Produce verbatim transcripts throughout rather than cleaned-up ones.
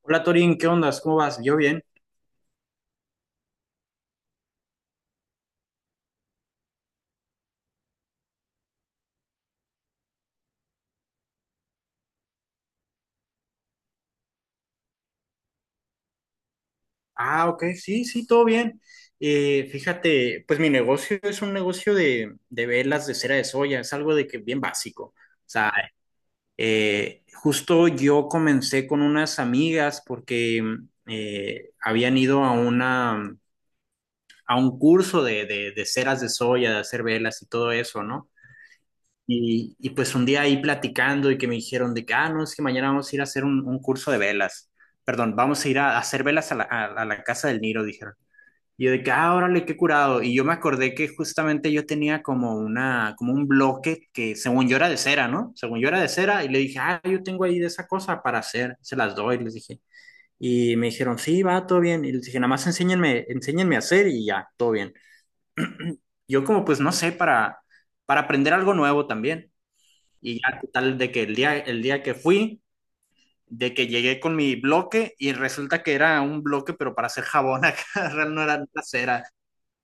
Hola Torín, ¿qué ondas? ¿Cómo vas? ¿Yo bien? Ah, ok, sí, sí, todo bien. Eh, fíjate, pues mi negocio es un negocio de, de velas de cera de soya, es algo de que bien básico. O sea, eh, justo yo comencé con unas amigas porque mm, eh, habían ido a una, a un curso de, de, de ceras de soya, de hacer velas y todo eso, ¿no? Y, y pues un día ahí platicando y que me dijeron de que, ah, no, es que mañana vamos a ir a hacer un, un curso de velas. Perdón, vamos a ir a, a hacer velas a la, a- a la casa del Niro, dijeron. Y yo de que, ah, órale, qué curado. Y yo me acordé que justamente yo tenía como una, como un bloque que según yo era de cera, ¿no? Según yo era de cera. Y le dije, ah, yo tengo ahí de esa cosa para hacer, se las doy, les dije. Y me dijeron, sí, va, todo bien. Y les dije, nada más enséñenme, enséñenme a hacer y ya, todo bien. Yo como pues no sé, para, para aprender algo nuevo también. Y ya tal de que el día, el día que fui, de que llegué con mi bloque y resulta que era un bloque, pero para hacer jabón acá, real no era nada cera.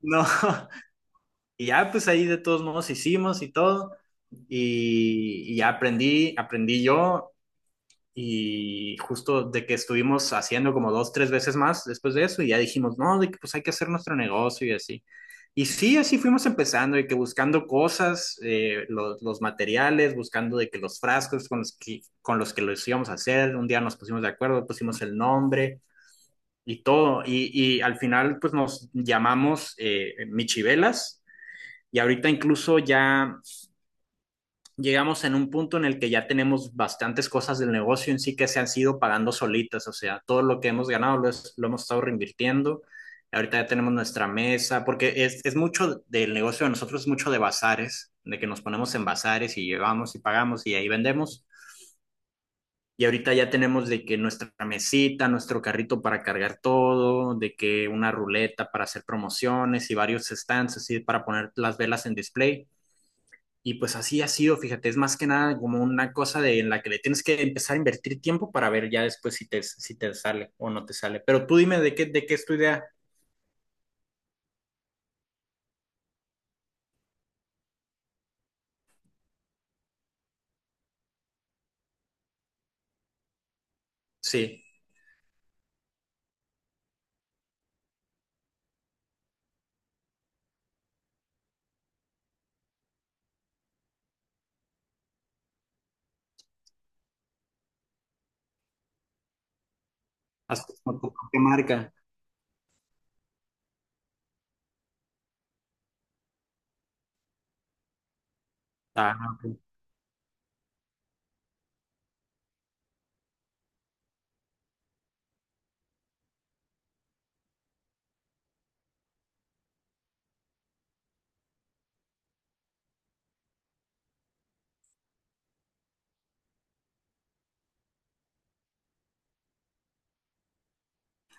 No. Y ya pues ahí de todos modos hicimos y todo. Y, y ya aprendí, aprendí yo y justo de que estuvimos haciendo como dos, tres veces más después de eso y ya dijimos, no, de que pues hay que hacer nuestro negocio y así. Y sí, así fuimos empezando y que buscando cosas, eh, lo- los materiales, buscando de que los frascos con los que, con los que los íbamos a hacer, un día nos pusimos de acuerdo, pusimos el nombre y todo. Y, y al final pues nos llamamos eh, Michivelas y ahorita incluso ya llegamos en un punto en el que ya tenemos bastantes cosas del negocio en sí que se han sido pagando solitas, o sea, todo lo que hemos ganado lo, es- lo hemos estado reinvirtiendo. Ahorita ya tenemos nuestra mesa, porque es, es mucho del negocio de nosotros, es mucho de bazares, de que nos ponemos en bazares y llevamos y pagamos y ahí vendemos. Y ahorita ya tenemos de que nuestra mesita, nuestro carrito para cargar todo, de que una ruleta para hacer promociones y varios stands así para poner las velas en display. Y pues así ha sido, fíjate, es más que nada como una cosa de, en la que le tienes que empezar a invertir tiempo para ver ya después si te, si te sale o no te sale. Pero tú dime de qué, de qué es tu idea. Sí, haz como tu propia marca. Ah, ok.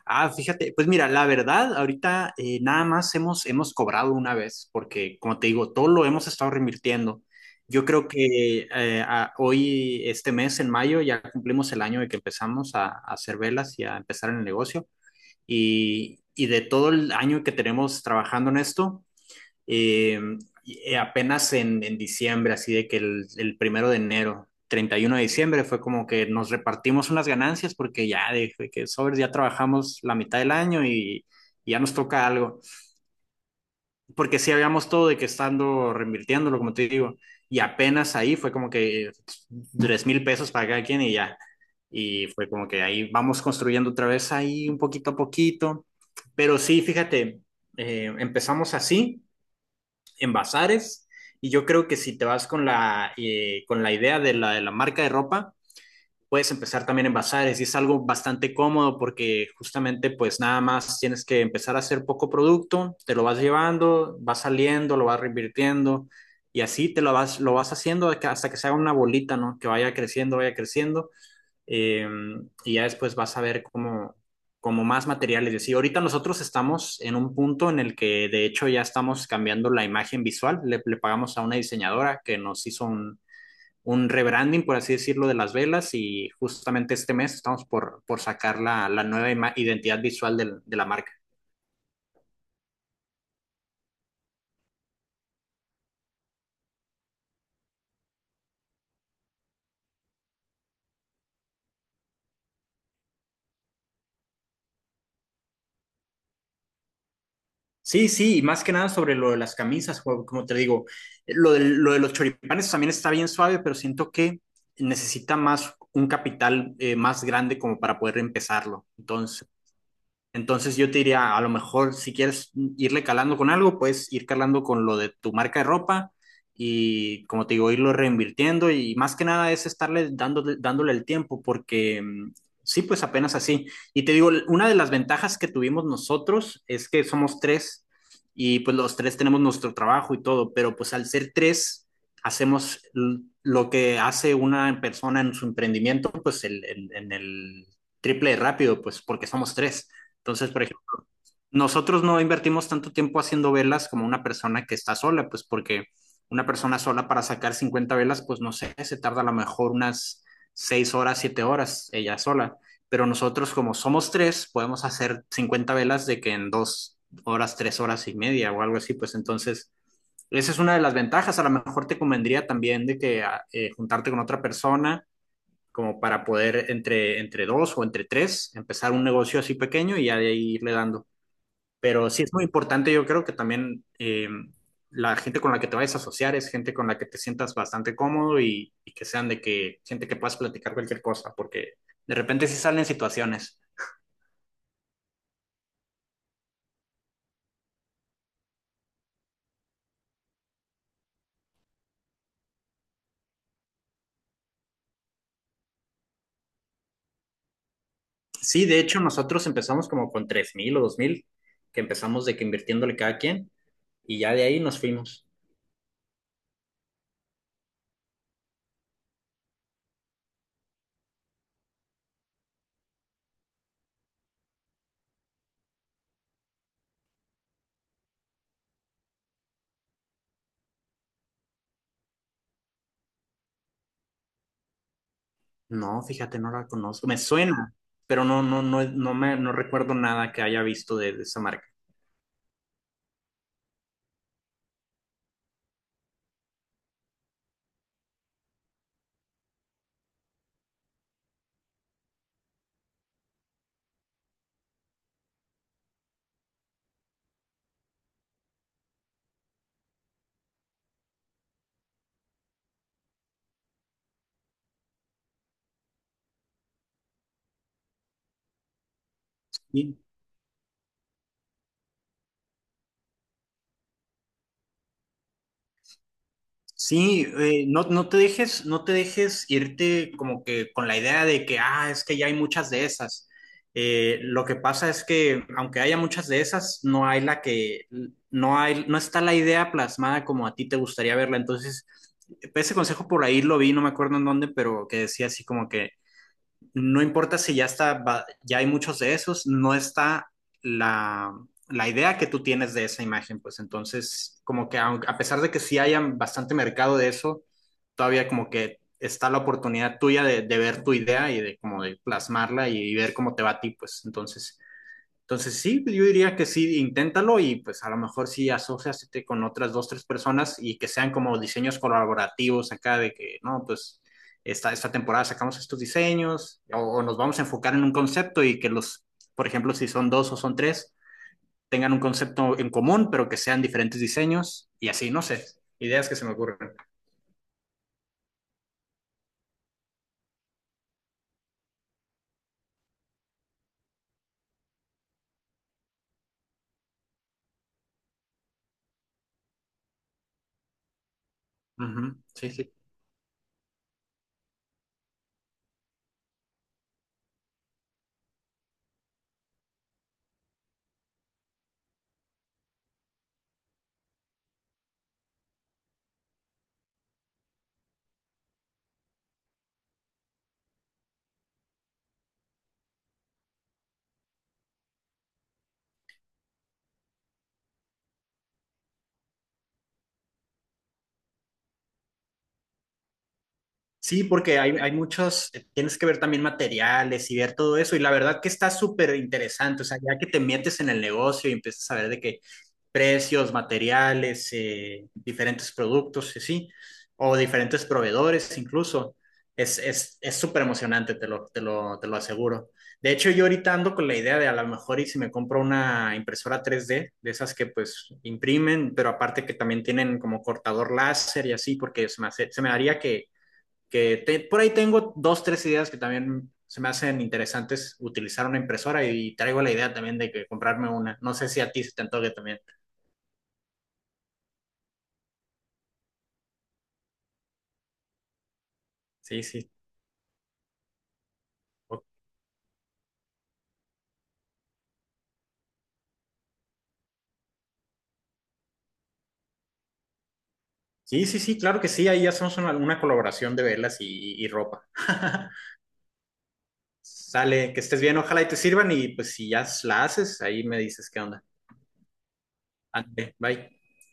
Ah, fíjate, pues mira, la verdad, ahorita eh, nada más hemos, hemos cobrado una vez, porque como te digo, todo lo hemos estado reinvirtiendo. Yo creo que eh, a- hoy, este mes, en mayo, ya cumplimos el año de que empezamos a, a hacer velas y a empezar en el negocio. y, y de todo el año que tenemos trabajando en esto, eh, apenas en, en diciembre, así de que el, el primero de enero, treinta y uno de diciembre, fue como que nos repartimos unas ganancias porque ya de, de que sobres ya trabajamos la mitad del año y, y ya nos toca algo porque sí habíamos todo de que estando reinvirtiéndolo, como te digo, y apenas ahí fue como que tres mil pesos para cada quien y ya. Y fue como que ahí vamos construyendo otra vez ahí un poquito a poquito. Pero sí, fíjate, eh, empezamos así, en bazares, y yo creo que si te vas con la, eh, con la idea de la, de la marca de ropa, puedes empezar también en bazares y es algo bastante cómodo porque justamente pues nada más tienes que empezar a hacer poco producto, te lo vas llevando, vas saliendo, lo vas reinvirtiendo y así te lo vas, lo vas haciendo hasta que se haga una bolita, ¿no? Que vaya creciendo, vaya creciendo eh, y ya después vas a ver cómo como más materiales. Y así, ahorita nosotros estamos en un punto en el que de hecho ya estamos cambiando la imagen visual, le, le pagamos a una diseñadora que nos hizo un, un rebranding, por así decirlo, de las velas y justamente este mes estamos por, por sacar la, la nueva ima- identidad visual del- de la marca. Sí, sí, y más que nada sobre lo de las camisas, jo- como te digo, lo de, lo de los choripanes también está bien suave, pero siento que necesita más un capital eh, más grande como para poder empezarlo. Entonces, Entonces yo te diría, a lo mejor si quieres irle calando con algo, puedes ir calando con lo de tu marca de ropa y como te digo, irlo reinvirtiendo y más que nada es estarle dándole, dándole el tiempo porque mm, sí, pues apenas así. Y te digo, una de las ventajas que tuvimos nosotros es que somos tres y pues los tres tenemos nuestro trabajo y todo, pero pues al ser tres hacemos l- lo que hace una persona en su emprendimiento, pues el, el- en el triple de rápido, pues porque somos tres. Entonces, por ejemplo, nosotros no invertimos tanto tiempo haciendo velas como una persona que está sola, pues porque una persona sola para sacar cincuenta velas, pues no sé, se tarda a lo mejor unas seis horas, siete horas ella sola. Pero nosotros como somos tres, podemos hacer cincuenta velas de que en dos horas, tres horas y media o algo así, pues entonces... Esa es una de las ventajas. A lo mejor te convendría también de que ah, eh, juntarte con otra persona como para poder entre, entre dos o entre tres empezar un negocio así pequeño y ya de ahí irle dando. Pero sí es muy importante, yo creo que también eh, la gente con la que te vayas a asociar es gente con la que te sientas bastante cómodo y, y que sean de que gente que puedas platicar cualquier cosa, porque de repente sí salen situaciones. Sí, de hecho, nosotros empezamos como con tres mil o dos mil que empezamos de que invirtiéndole cada quien y ya de ahí nos fuimos. No, fíjate, no la conozco. Me suena, pero no, no, no, no me, no recuerdo nada que haya visto de, de esa marca. Sí, eh, no, no te dejes, no te dejes irte como que con la idea de que, ah, es que ya hay muchas de esas. Eh, lo que pasa es que aunque haya muchas de esas, no hay la que, no hay, no está la idea plasmada como a ti te gustaría verla. Entonces, ese consejo por ahí lo vi, no me acuerdo en dónde, pero que decía así como que no importa si ya está, ya hay muchos de esos, no está la, la idea que tú tienes de esa imagen, pues entonces, como que aun- a pesar de que sí haya bastante mercado de eso, todavía como que está la oportunidad tuya de, de ver tu idea y de como de plasmarla y, y ver cómo te va a ti, pues entonces entonces sí, yo diría que sí, inténtalo y pues a lo mejor sí asóciate con otras dos, tres personas y que sean como diseños colaborativos acá de que, no, pues esta, esta temporada sacamos estos diseños o, o nos vamos a enfocar en un concepto y que los, por ejemplo, si son dos o son tres, tengan un concepto en común, pero que sean diferentes diseños y así, no sé, ideas que se me ocurren. Ujú. Sí, sí. Sí, porque hay, hay muchos, eh, tienes que ver también materiales y ver todo eso, y la verdad que está súper interesante, o sea, ya que te metes en el negocio y empiezas a ver de qué precios, materiales, eh, diferentes productos, y sí, o diferentes proveedores incluso, es, es, es súper emocionante, te lo, te lo, te lo aseguro. De hecho, yo ahorita ando con la idea de a lo mejor y si me compro una impresora tres D, de esas que pues imprimen, pero aparte que también tienen como cortador láser y así, porque se me hace- se me haría que que te- por ahí tengo dos, tres ideas que también se me hacen interesantes utilizar una impresora y traigo la idea también de que comprarme una. No sé si a ti se te antoje también. Sí, sí. O- Sí, sí, sí, claro que sí. Ahí hacemos una, una colaboración de velas y, y ropa. Sale, que estés bien, ojalá y te sirvan y pues si ya la haces, ahí me dices qué onda. Ande, bye.